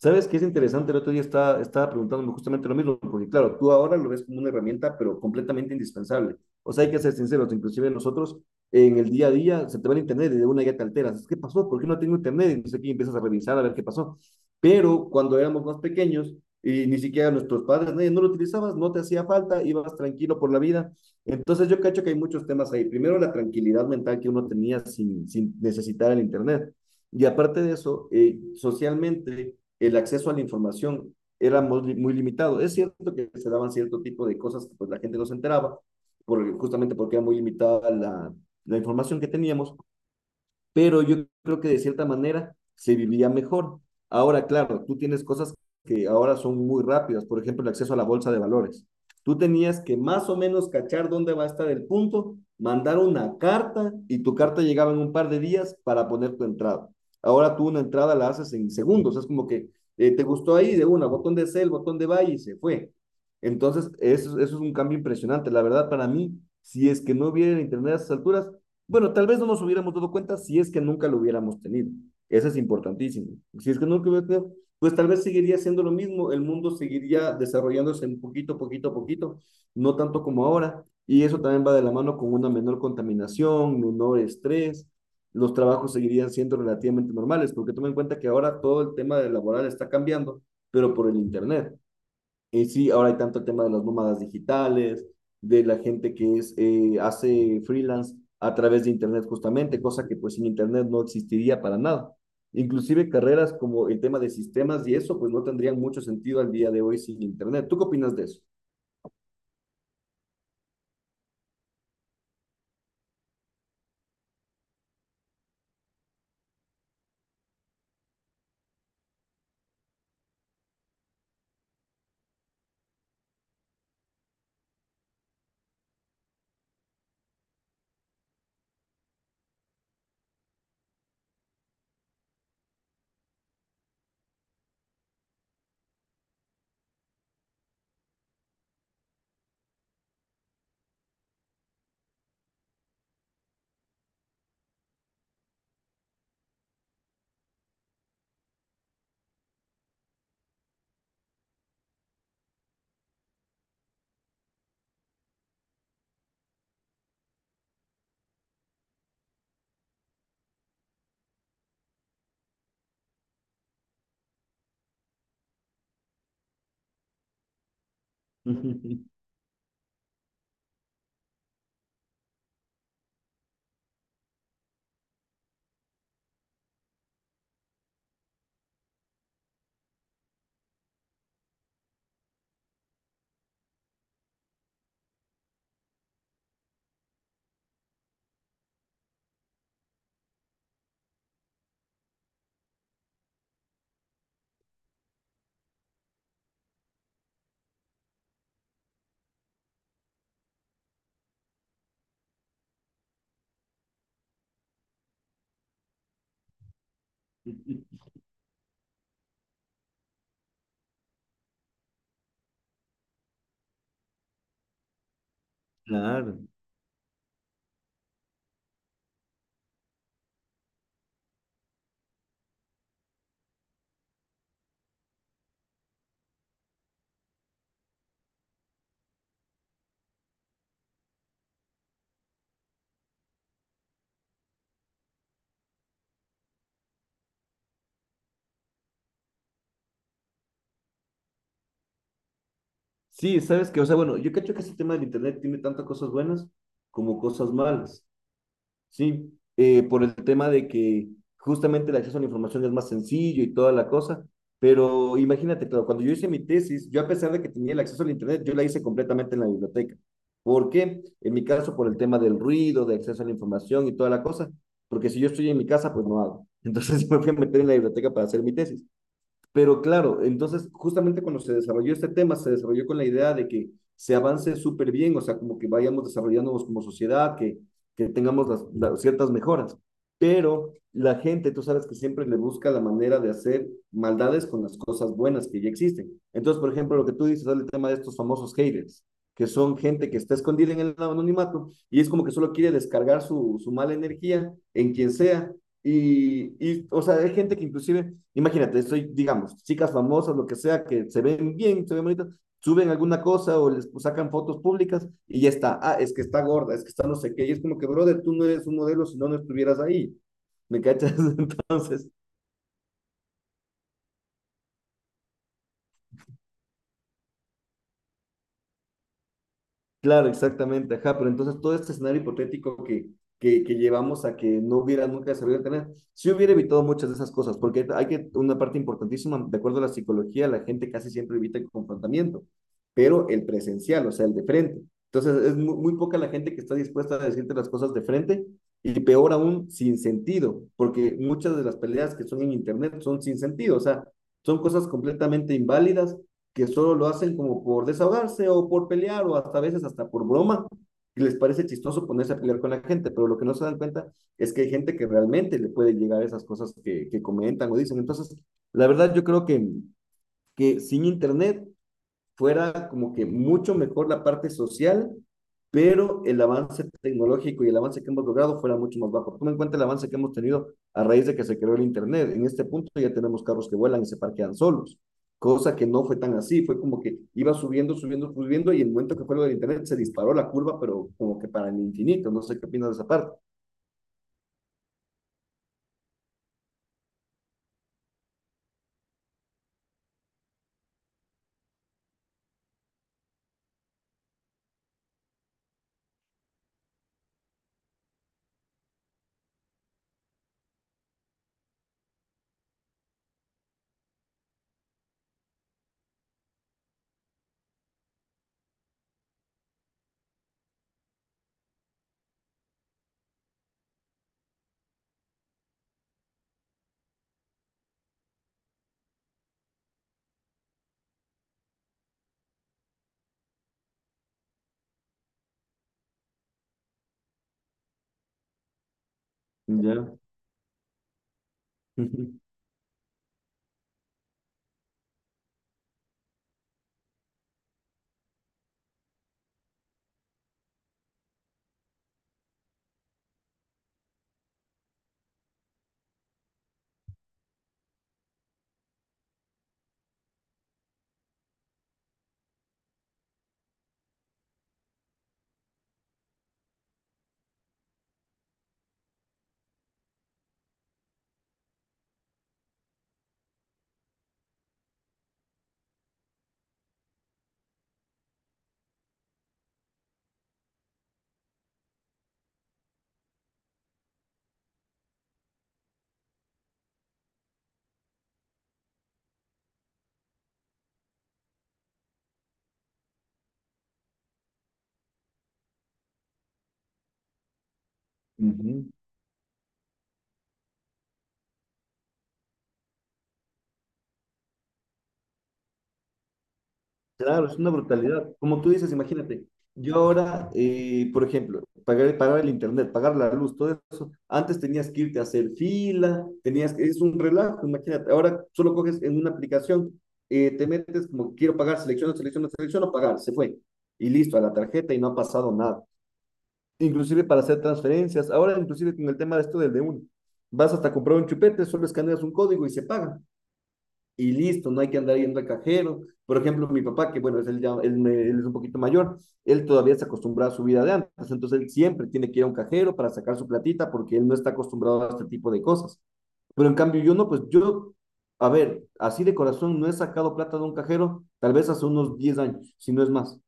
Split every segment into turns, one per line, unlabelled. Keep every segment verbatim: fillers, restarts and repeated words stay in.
¿Sabes qué es interesante? El otro día estaba, estaba preguntándome justamente lo mismo, porque claro, tú ahora lo ves como una herramienta, pero completamente indispensable. O sea, hay que ser sinceros, inclusive nosotros en el día a día se te va el internet y de una ya te alteras. ¿Qué pasó? ¿Por qué no tengo internet? Entonces aquí empiezas a revisar a ver qué pasó. Pero cuando éramos más pequeños y ni siquiera nuestros padres, nadie, no lo utilizabas, no te hacía falta, ibas tranquilo por la vida. Entonces yo cacho que hay muchos temas ahí. Primero, la tranquilidad mental que uno tenía sin, sin necesitar el internet. Y aparte de eso, eh, socialmente el acceso a la información era muy, muy limitado. Es cierto que se daban cierto tipo de cosas que pues, la gente no se enteraba, por, justamente porque era muy limitada la, la información que teníamos, pero yo creo que de cierta manera se vivía mejor. Ahora, claro, tú tienes cosas que ahora son muy rápidas, por ejemplo, el acceso a la bolsa de valores. Tú tenías que más o menos cachar dónde va a estar el punto, mandar una carta y tu carta llegaba en un par de días para poner tu entrada. Ahora tú una entrada la haces en segundos, es como que eh, te gustó ahí de una, botón de sell, botón de buy y se fue. Entonces, eso, eso es un cambio impresionante. La verdad, para mí, si es que no hubiera internet a esas alturas, bueno, tal vez no nos hubiéramos dado cuenta si es que nunca lo hubiéramos tenido. Eso es importantísimo. Si es que nunca lo hubiéramos tenido, pues tal vez seguiría siendo lo mismo, el mundo seguiría desarrollándose un poquito, poquito, poquito, no tanto como ahora. Y eso también va de la mano con una menor contaminación, menor estrés, los trabajos seguirían siendo relativamente normales, porque tomen en cuenta que ahora todo el tema del laboral está cambiando, pero por el internet. Eh, sí, ahora hay tanto el tema de las nómadas digitales, de la gente que es, eh, hace freelance a través de internet justamente, cosa que pues sin internet no existiría para nada. Inclusive carreras como el tema de sistemas y eso, pues no tendrían mucho sentido al día de hoy sin internet. ¿Tú qué opinas de eso? Claro. Sí, sabes que, o sea, bueno, yo cacho que ese tema del internet tiene tantas cosas buenas como cosas malas. Sí, eh, por el tema de que justamente el acceso a la información es más sencillo y toda la cosa, pero imagínate, claro, cuando yo hice mi tesis, yo a pesar de que tenía el acceso al internet, yo la hice completamente en la biblioteca. ¿Por qué? En mi caso, por el tema del ruido, de acceso a la información y toda la cosa, porque si yo estoy en mi casa, pues no hago. Entonces me fui a meter en la biblioteca para hacer mi tesis. Pero claro, entonces justamente cuando se desarrolló este tema, se desarrolló con la idea de que se avance súper bien, o sea, como que vayamos desarrollándonos como sociedad, que, que tengamos las, las ciertas mejoras. Pero la gente, tú sabes que siempre le busca la manera de hacer maldades con las cosas buenas que ya existen. Entonces, por ejemplo, lo que tú dices es el tema de estos famosos haters, que son gente que está escondida en el anonimato y es como que solo quiere descargar su, su mala energía en quien sea y, y, o sea, hay gente que inclusive, imagínate, soy, digamos, chicas famosas, lo que sea, que se ven bien, se ven bonitas, suben alguna cosa o les pues, sacan fotos públicas y ya está. Ah, es que está gorda, es que está no sé qué. Y es como que, brother, tú no eres un modelo si no, no estuvieras ahí. ¿Me cachas? Entonces, claro, exactamente, ajá, pero entonces todo este escenario hipotético que, que, que llevamos a que no hubiera nunca desarrollado internet, sí hubiera evitado muchas de esas cosas, porque hay que, una parte importantísima, de acuerdo a la psicología, la gente casi siempre evita el confrontamiento, pero el presencial, o sea, el de frente. Entonces es muy, muy poca la gente que está dispuesta a decirte las cosas de frente y peor aún, sin sentido, porque muchas de las peleas que son en internet son sin sentido, o sea, son cosas completamente inválidas que solo lo hacen como por desahogarse o por pelear o hasta a veces hasta por broma. Y les parece chistoso ponerse a pelear con la gente, pero lo que no se dan cuenta es que hay gente que realmente le puede llegar esas cosas que, que comentan o dicen. Entonces, la verdad yo creo que, que sin internet fuera como que mucho mejor la parte social, pero el avance tecnológico y el avance que hemos logrado fuera mucho más bajo. Toma en cuenta el avance que hemos tenido a raíz de que se creó el internet. En este punto ya tenemos carros que vuelan y se parquean solos, cosa que no fue tan así, fue como que iba subiendo, subiendo, subiendo y en el momento que fue lo del internet se disparó la curva, pero como que para el infinito, no sé qué opinas de esa parte. Ya. Ujú. Claro, es una brutalidad. Como tú dices, imagínate, yo ahora, eh, por ejemplo, pagar, pagar el internet, pagar la luz, todo eso, antes tenías que irte a hacer fila, tenías que, es un relajo, imagínate, ahora solo coges en una aplicación, eh, te metes como quiero pagar, selecciono, selecciono, selecciono, pagar, se fue. Y listo, a la tarjeta y no ha pasado nada. Inclusive para hacer transferencias, ahora inclusive con el tema de esto del de uno, vas hasta comprar un chupete, solo escaneas un código y se paga y listo, no hay que andar yendo al cajero. Por ejemplo, mi papá, que bueno, es él, ya, él, él es un poquito mayor, él todavía se acostumbra a su vida de antes, entonces él siempre tiene que ir a un cajero para sacar su platita porque él no está acostumbrado a este tipo de cosas. Pero en cambio yo no, pues yo, a ver, así de corazón no he sacado plata de un cajero tal vez hace unos diez años, si no es más.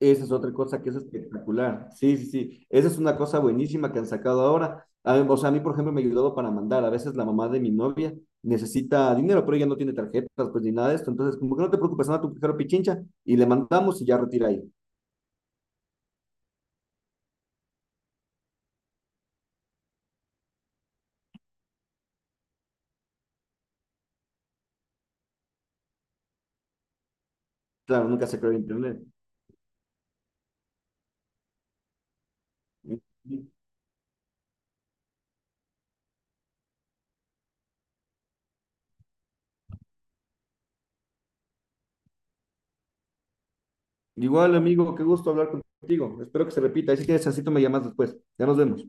Esa es otra cosa que es espectacular. Sí, sí, sí. Esa es una cosa buenísima que han sacado ahora. A- o sea, a mí, por ejemplo, me ha ayudado para mandar. A veces la mamá de mi novia necesita dinero, pero ella no tiene tarjetas, pues ni nada de esto. Entonces, como que no te preocupes, anda a tu cajero Pichincha y le mandamos y ya retira ahí. Claro, nunca se creó el internet. Igual, amigo, qué gusto hablar contigo. Espero que se repita. Y si tienes chancito, me llamas después. Ya nos vemos.